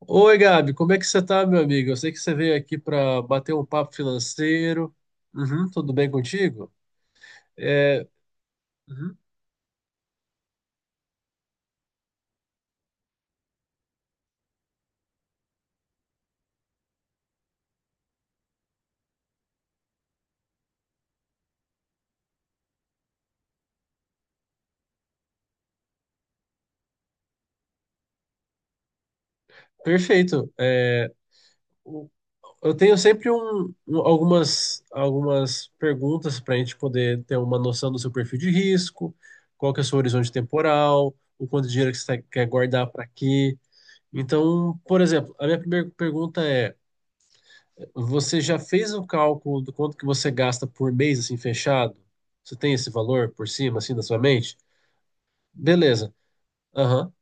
Oi, Gabi, como é que você tá, meu amigo? Eu sei que você veio aqui para bater um papo financeiro. Uhum, tudo bem contigo? É, uhum, perfeito. O- eu tenho sempre algumas perguntas para a gente poder ter uma noção do seu perfil de risco, qual que é o seu horizonte temporal, o quanto de dinheiro que você quer guardar para quê. Então, por exemplo, a minha primeira pergunta é: você já fez o cálculo do quanto que você gasta por mês, assim, fechado? Você tem esse valor por cima, assim, na sua mente? Beleza. Aham,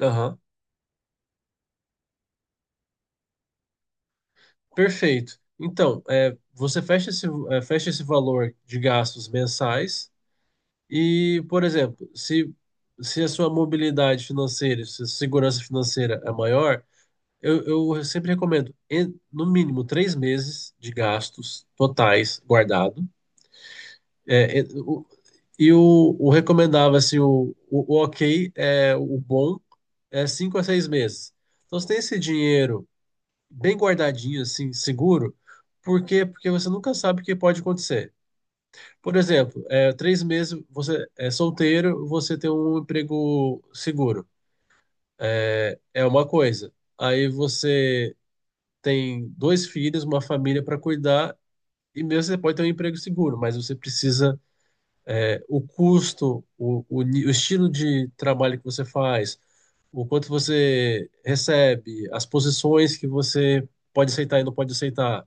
aham. Perfeito. Então, você fecha esse valor de gastos mensais e, por exemplo, se a sua mobilidade financeira, se a sua segurança financeira é maior, eu, eu sempre recomendo, no mínimo, três meses de gastos totais guardado. É, é, o- E o recomendável, assim, o ok, o bom, é cinco a seis meses. Então, você tem esse dinheiro bem guardadinho, assim, seguro, por quê? Porque você nunca sabe o que pode acontecer. Por exemplo, três meses você é solteiro, você tem um emprego seguro. É uma coisa. Aí você tem dois filhos, uma família para cuidar, e mesmo você pode ter um emprego seguro, mas você precisa o custo, o estilo de trabalho que você faz, o quanto você recebe, as posições que você pode aceitar e não pode aceitar.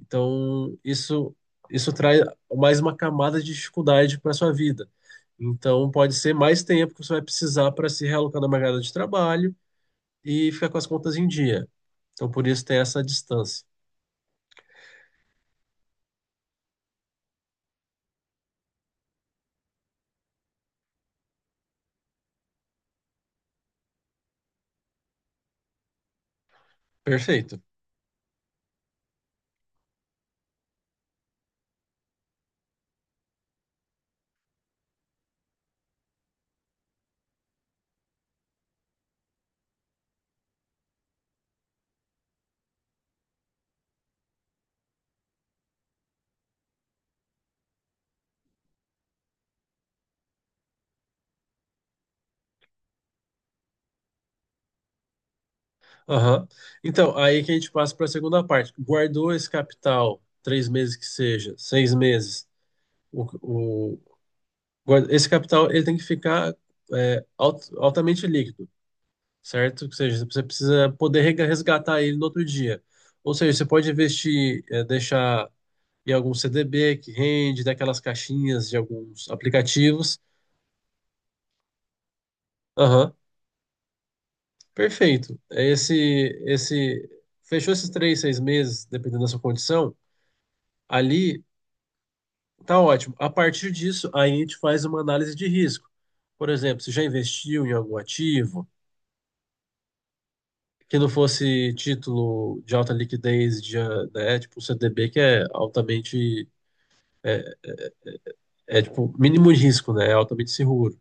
Então, isso traz mais uma camada de dificuldade para sua vida. Então, pode ser mais tempo que você vai precisar para se realocar no mercado de trabalho e ficar com as contas em dia. Então, por isso tem essa distância. Perfeito. Aham. Então, aí que a gente passa para a segunda parte. Guardou esse capital, três meses que seja, seis meses. O, o- Esse capital ele tem que ficar altamente líquido, certo? Ou seja, você precisa poder resgatar ele no outro dia. Ou seja, você pode investir, deixar em algum CDB que rende, daquelas caixinhas de alguns aplicativos. Aham, perfeito. Esse, fechou esses três, seis meses, dependendo da sua condição. Ali tá ótimo. A partir disso, aí a gente faz uma análise de risco. Por exemplo, se já investiu em algum ativo que não fosse título de alta liquidez, de, né, tipo o CDB, que é altamente, é, tipo mínimo de risco, né, é altamente seguro.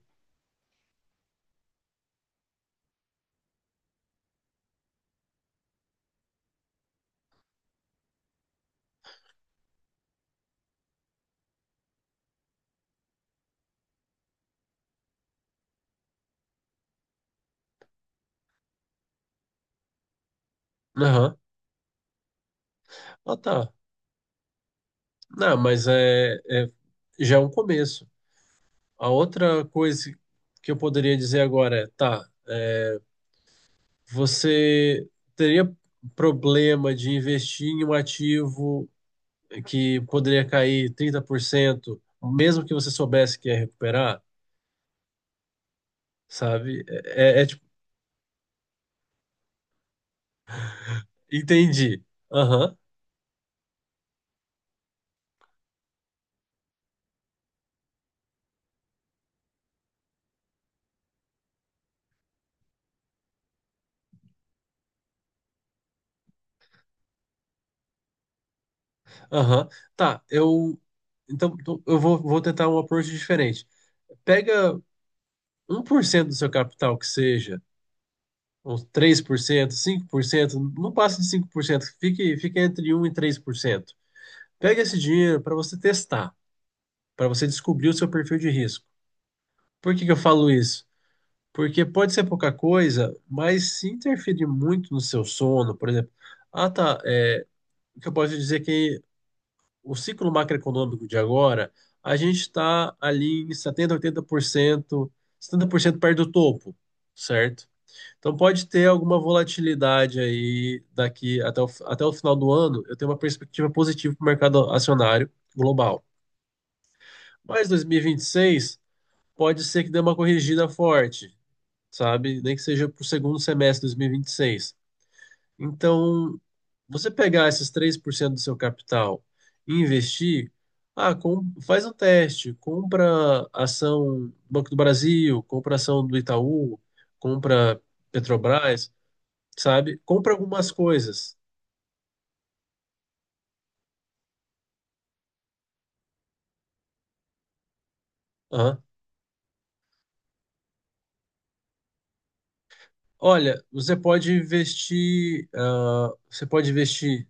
Aham. Ah, tá. Não, já é um começo. A outra coisa que eu poderia dizer agora é, tá, você teria problema de investir em um ativo que poderia cair 30%, mesmo que você soubesse que ia recuperar, sabe? É tipo, entendi. Aham, aham. Tá, eu. Então, eu vou tentar um approach diferente. Pega 1% do seu capital, que seja, uns 3%, 5%, não passe de 5%, fique entre um e 3%. Pega esse dinheiro para você testar, para você descobrir o seu perfil de risco. Por que que eu falo isso? Porque pode ser pouca coisa, mas se interferir muito no seu sono, por exemplo, ah tá, o que eu posso dizer é que o ciclo macroeconômico de agora, a gente está ali em 70 80%, 70% perto do topo, certo? Então pode ter alguma volatilidade aí daqui até o final do ano, eu tenho uma perspectiva positiva para o mercado acionário global. Mas 2026 pode ser que dê uma corrigida forte, sabe? Nem que seja para o segundo semestre de dois mil e vinte e seis. Então, você pegar esses 3% do seu capital e investir, faz um teste, compra ação do Banco do Brasil, compra ação do Itaú, compra Petrobras, sabe? Compra algumas coisas. Aham. Olha, você pode investir,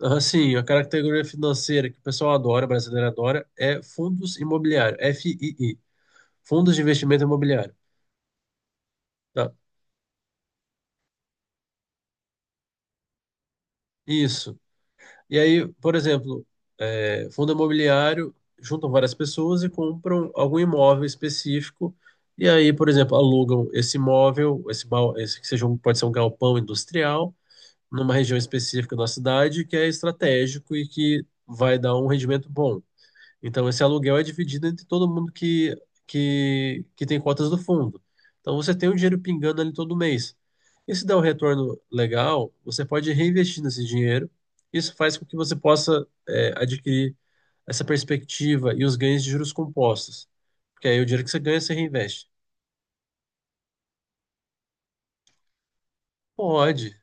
assim a categoria financeira que o pessoal adora, brasileiro adora, é fundos imobiliários, FII. Fundos de investimento imobiliário. Tá? Isso. E aí, por exemplo, fundo imobiliário juntam várias pessoas e compram algum imóvel específico. E aí, por exemplo, alugam esse imóvel, esse que seja um, pode ser um galpão industrial, numa região específica da cidade que é estratégico e que vai dar um rendimento bom. Então, esse aluguel é dividido entre todo mundo que tem cotas do fundo. Então, você tem o dinheiro pingando ali todo mês. E se der um retorno legal, você pode reinvestir nesse dinheiro. Isso faz com que você possa, adquirir essa perspectiva e os ganhos de juros compostos. Porque aí o dinheiro que você ganha, você reinveste. Pode.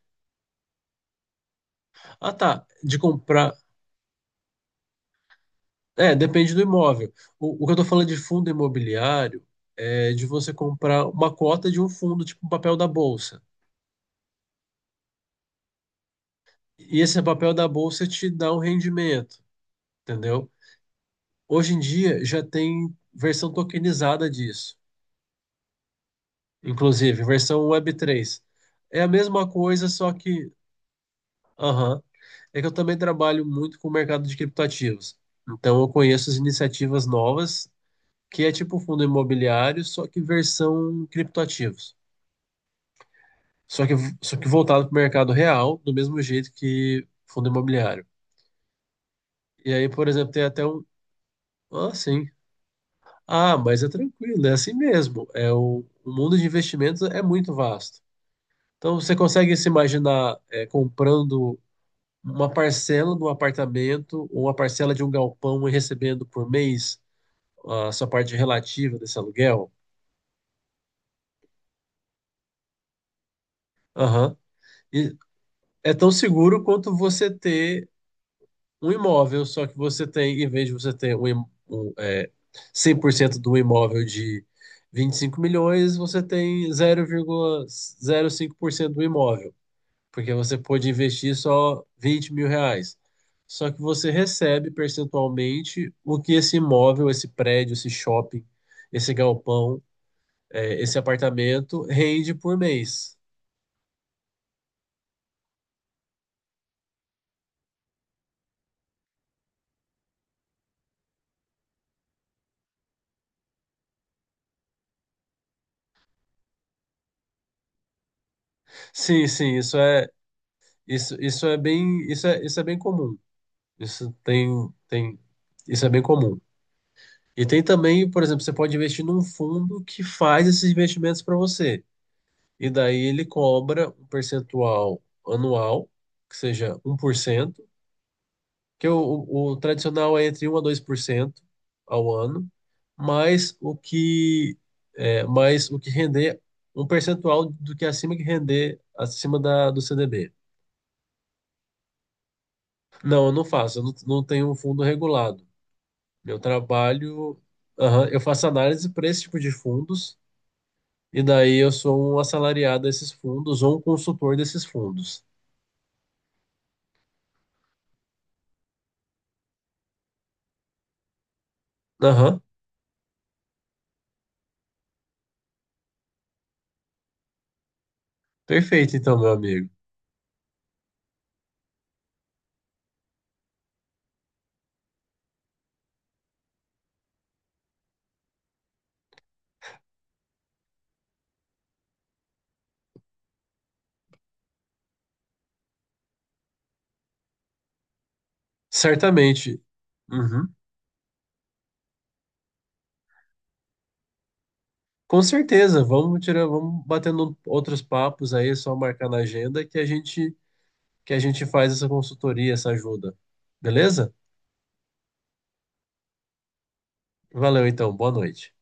Ah, tá. De comprar. É, depende do imóvel. O que eu tô falando de fundo imobiliário é de você comprar uma cota de um fundo, tipo um papel da bolsa. E esse papel da bolsa te dá um rendimento, entendeu? Hoje em dia já tem versão tokenizada disso, inclusive versão Web3. É a mesma coisa, só que, aham, é que eu também trabalho muito com o mercado de criptoativos. Então eu conheço as iniciativas novas, que é tipo fundo imobiliário, só que versão criptoativos. Só que, só que voltado para o mercado real, do mesmo jeito que fundo imobiliário. E aí, por exemplo, tem até um. Ah, sim. Ah, mas é tranquilo, é assim mesmo. O mundo de investimentos é muito vasto. Então você consegue se imaginar comprando uma parcela de um apartamento ou uma parcela de um galpão e recebendo por mês a sua parte relativa desse aluguel? Aham. E é tão seguro quanto você ter um imóvel, só que você tem, em vez de você ter um, 100% de um imóvel de 25 milhões, você tem zero vírgula zero cinco por cento do imóvel. Porque você pode investir só R$ 20.000. Só que você recebe percentualmente o que esse imóvel, esse prédio, esse shopping, esse galpão, esse apartamento rende por mês. Sim, sim, isso é isso, isso é bem comum. Isso tem tem isso é bem comum. E tem também, por exemplo, você pode investir num fundo que faz esses investimentos para você. E daí ele cobra um percentual anual, que seja 1% que o tradicional é entre um a 2% ao ano, mais o que render um percentual do que acima que render acima do CDB. Não, eu não faço, eu não tenho um fundo regulado. Meu trabalho, aham, eu faço análise para esse tipo de fundos, e daí eu sou um assalariado desses fundos ou um consultor desses fundos. Aham, perfeito então, meu amigo. Certamente. Uhum. Com certeza, vamos tirar, vamos batendo outros papos aí, é só marcar na agenda que a gente faz essa consultoria, essa ajuda. Beleza? Valeu então, boa noite.